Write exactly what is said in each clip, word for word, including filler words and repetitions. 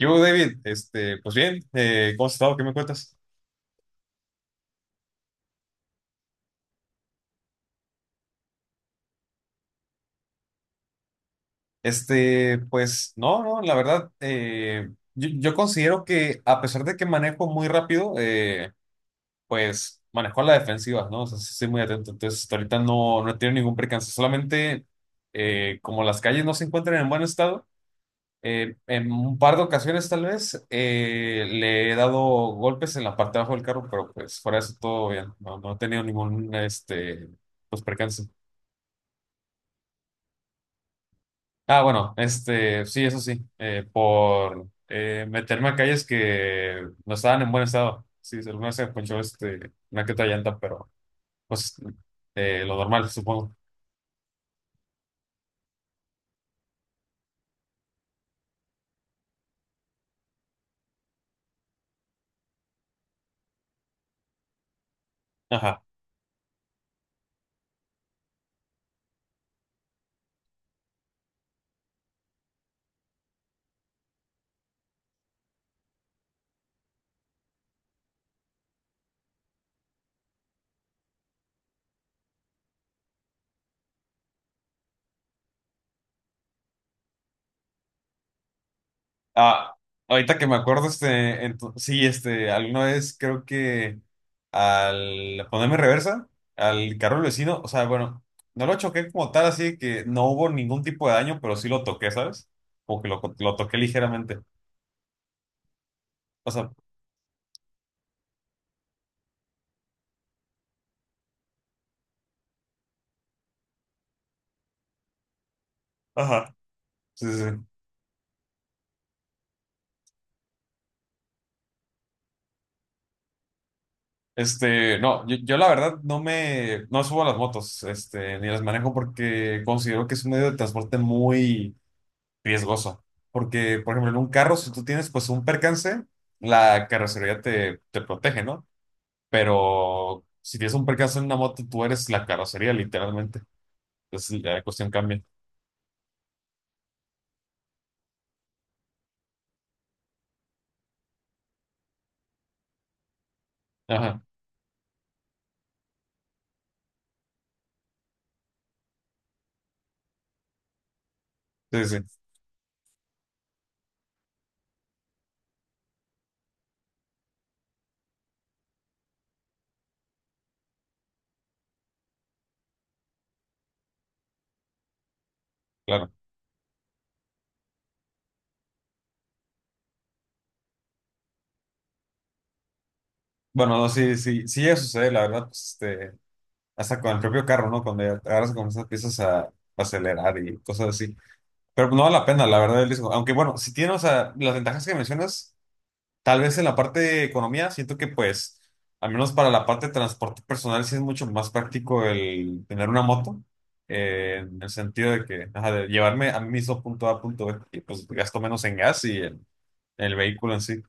Yo, David, este, pues bien, eh, ¿cómo has estado? ¿Qué me cuentas? Este, pues no, no, la verdad, eh, yo, yo considero que a pesar de que manejo muy rápido, eh, pues manejo a la defensiva, ¿no? O sea, sí estoy muy atento. Entonces, hasta ahorita no, no he tenido ningún percance. Solamente, eh, como las calles no se encuentran en buen estado, eh, en un par de ocasiones tal vez eh, le he dado golpes en la parte de abajo del carro, pero pues fuera de eso todo bien. No, no he tenido ningún, este, pues percance. Ah, bueno, este, sí, eso sí, eh, por eh, meterme a calles que no estaban en buen estado. Sí, alguna vez se ponchó este, una que otra llanta, pero pues eh, lo normal, supongo. Ajá. Ah, ahorita que me acuerdo, este, ento- sí, este, alguna vez creo que al ponerme reversa al carro del vecino, o sea, bueno, no lo choqué como tal, así que no hubo ningún tipo de daño, pero sí lo toqué, ¿sabes? Como que lo, lo toqué ligeramente. O sea, ajá. Sí, sí. Sí. Este, no, yo, yo la verdad no me, no subo a las motos, este, ni las manejo porque considero que es un medio de transporte muy riesgoso. Porque, por ejemplo, en un carro, si tú tienes pues un percance, la carrocería te, te protege, ¿no? Pero si tienes un percance en una moto, tú eres la carrocería, literalmente. Entonces la cuestión cambia. Ajá, sí, sí, claro. Bueno, no, sí, sí, sí, eso sucede, la verdad, pues, este, hasta con el propio carro, ¿no? Cuando ya te agarras con esas piezas a acelerar y cosas así. Pero no vale la pena, la verdad, el riesgo. Aunque bueno, si tiene, o sea, las ventajas que mencionas, tal vez en la parte de economía, siento que pues, al menos para la parte de transporte personal, sí es mucho más práctico el tener una moto, eh, en el sentido de que, ajá, de llevarme a mí mismo punto A, punto B, y pues gasto menos en gas y en, en el vehículo en sí.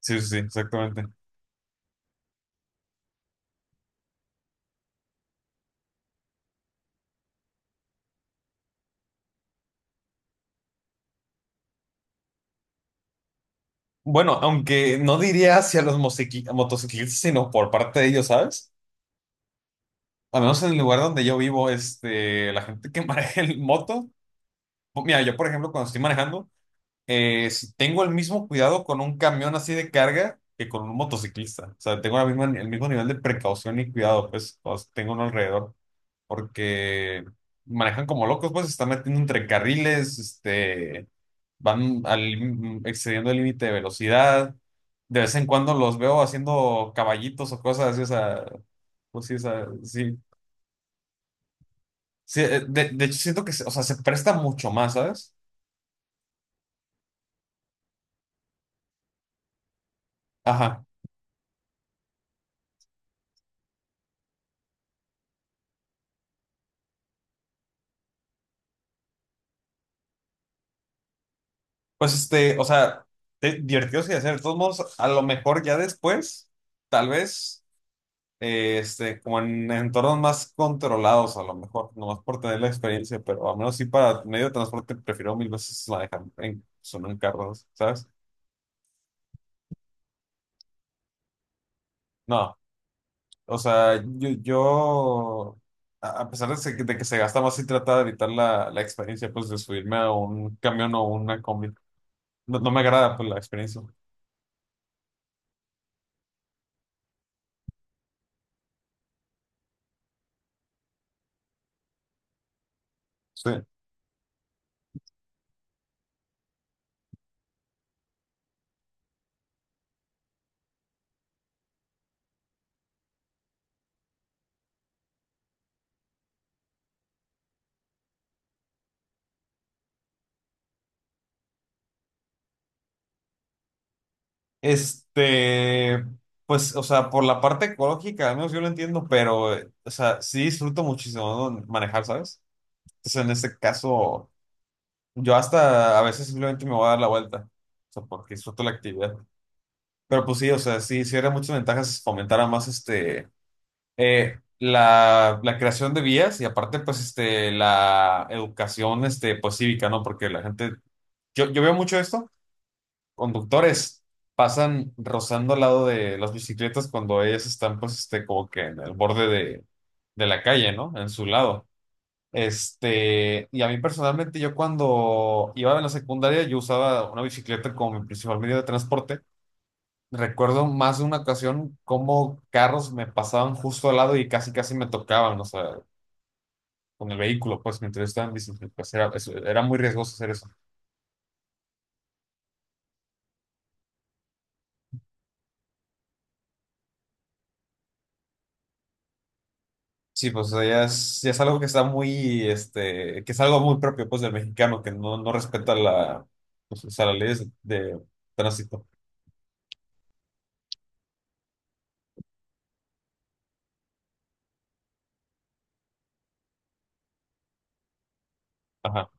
Sí, sí, sí, exactamente. Bueno, aunque no diría hacia los mosequi- motociclistas, sino por parte de ellos, ¿sabes? Al menos en el lugar donde yo vivo, este, la gente que maneja el moto. Mira, yo por ejemplo cuando estoy manejando, eh, si tengo el mismo cuidado con un camión así de carga que con un motociclista. O sea, tengo la misma, el mismo nivel de precaución y cuidado, pues, cuando tengo uno alrededor, porque manejan como locos, pues, se están metiendo entre carriles, este, van al- mm, excediendo el límite de velocidad. De vez en cuando los veo haciendo caballitos o cosas así, o sea, pues sí, o sea, sí. Sí, eh, de, de hecho siento que, se- o sea, se presta mucho más, ¿sabes? Ajá. Pues este, o sea, te- divertidos y hacer. De todos modos, a lo mejor ya después, tal vez, eh, este, como en entornos más controlados, a lo mejor, nomás por tener la experiencia, pero al menos sí para medio de transporte prefiero mil veces manejar en, solo en carros, ¿sabes? No, o sea, yo, yo a a pesar de, se- de que se gasta más, sí trata de evitar la, la experiencia, pues, de subirme a un camión o una combi. No, no me agrada, pues, la experiencia. Sí. Este, pues, o sea, por la parte ecológica, al menos yo lo entiendo, pero, eh, o sea, sí disfruto muchísimo ¿no? manejar, ¿sabes? Entonces, en este caso, yo hasta a veces simplemente me voy a dar la vuelta, o sea, porque disfruto la actividad. Pero pues sí, o sea, sí, sí era muchas ventajas fomentar más, este, eh, la, la creación de vías y aparte, pues, este, la educación, este, pues, cívica, ¿no? Porque la gente, yo, yo veo mucho esto conductores pasan rozando al lado de las bicicletas cuando ellas están, pues, este, como que en el borde de, de la calle, ¿no? En su lado. Este, y a mí personalmente, yo cuando iba en la secundaria, yo usaba una bicicleta como mi principal medio de transporte. Recuerdo más de una ocasión cómo carros me pasaban justo al lado y casi, casi me tocaban, o sea, con el vehículo, pues, mientras yo estaba en bicicleta. Pues, era, eso- era muy riesgoso hacer eso. Sí, pues o sea, ya es, ya es algo que está muy, este, que es algo muy propio pues del mexicano, que no, no respeta la, pues, o sea, las leyes de tránsito. Ajá,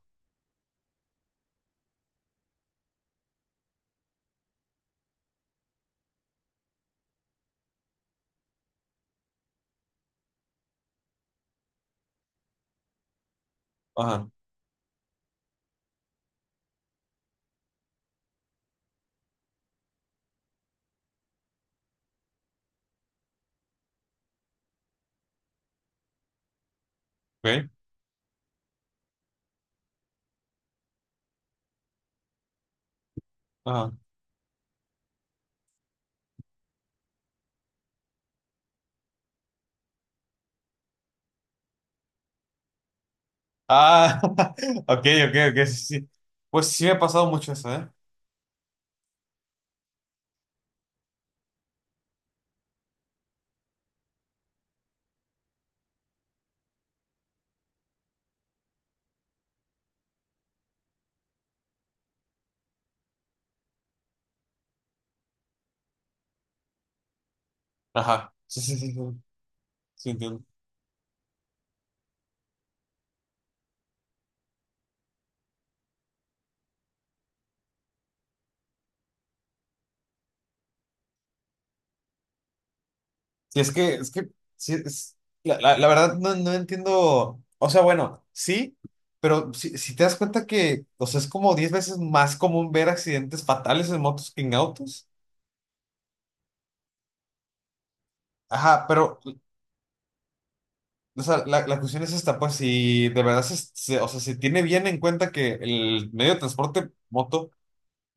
ajá, ok, ajá. Ah, ok, ok, ok, sí, sí. Pues sí me ha pasado mucho eso, ¿eh? Ajá, sí, sí, sí, sí, sí, entiendo. Sí, es que, es que, sí, es, la, la, la verdad no, no entiendo, o sea, bueno, sí, pero si, si te das cuenta que, o sea, es como diez veces más común ver accidentes fatales en motos que en autos. Ajá, pero o sea, la, la cuestión es esta, pues si de verdad se, se- o sea, se tiene bien en cuenta que el medio de transporte moto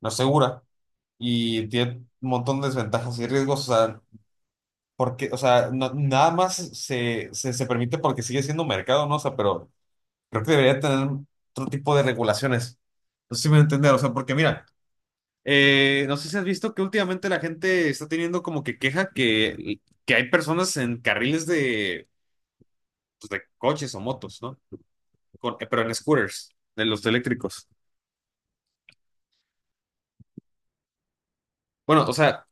no es segura y tiene un montón de desventajas y riesgos, o sea, porque, o sea, no- nada más se, se, se permite porque sigue siendo mercado, ¿no? O sea, pero creo que debería tener otro tipo de regulaciones. No sé si me voy a entender, o sea, porque mira, eh, no sé si has visto que últimamente la gente está teniendo como que queja que, que hay personas en carriles de, pues, de coches o motos, ¿no? con- eh, pero en scooters, de los eléctricos. Bueno, o sea,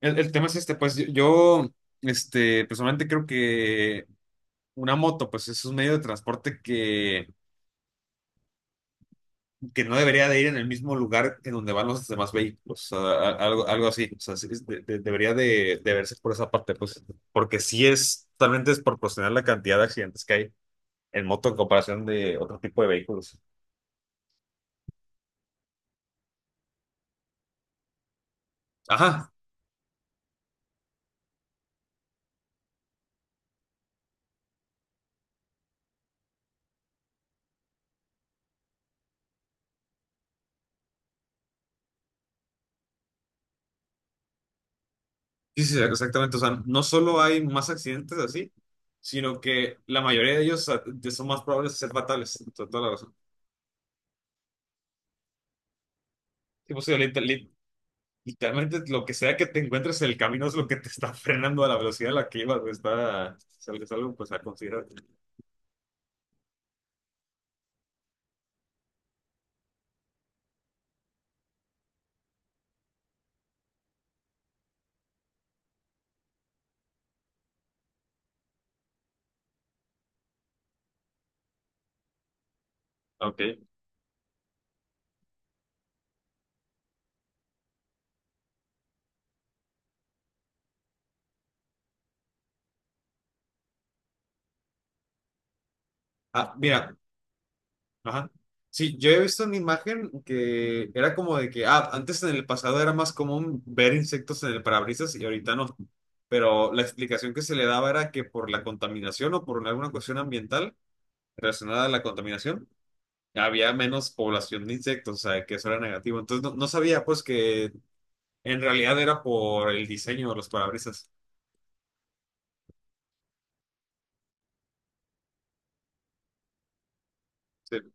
el, el tema es este, pues yo, yo, este, personalmente creo que una moto, pues es un medio de transporte que, que no debería de ir en el mismo lugar en donde van los demás vehículos, o sea, a- algo, algo así, o sea, sí es de- de- debería de, de verse por esa parte, pues, porque sí es totalmente desproporcional la cantidad de accidentes que hay en moto en comparación de otro tipo de vehículos. Ajá, sí, sí, exactamente. O sea, no solo hay más accidentes así, sino que la mayoría de ellos a- de- son más probables de ser fatales. To- Toda la razón. Sí, pues, sí, lit- lit- literalmente lo que sea que te encuentres en el camino es lo que te está frenando a la velocidad a la que ibas. Pues, Está, es algo es algo, pues, a considerar. Ok. Ah, mira, ajá. Sí, yo he visto una imagen que era como de que, ah, antes en el pasado era más común ver insectos en el parabrisas y ahorita no. Pero la explicación que se le daba era que por la contaminación o por alguna cuestión ambiental relacionada a la contaminación, había menos población de insectos, o sea, que eso era negativo. Entonces no, no sabía pues que en realidad era por el diseño de los parabrisas. Sí.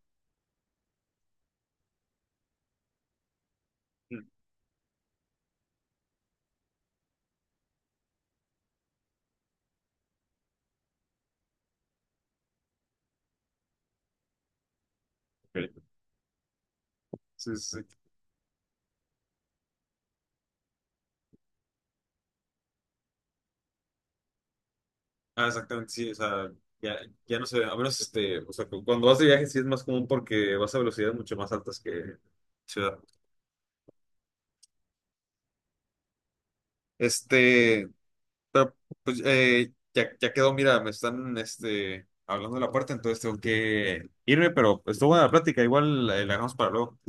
Mm. Ok. Sí, sí. Ah, exactamente, sí, o sea, ya, ya no sé, a menos este, o sea, cu- cuando vas de viaje sí es más común porque vas a velocidades mucho más altas que ciudad. Este, pero pues eh, ya, ya quedó, mira, me están este, hablando de la puerta, entonces tengo que irme, pero estuvo buena la plática, igual eh, la dejamos para luego.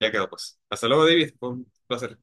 Ya quedó, pues. Hasta luego, David, fue un placer.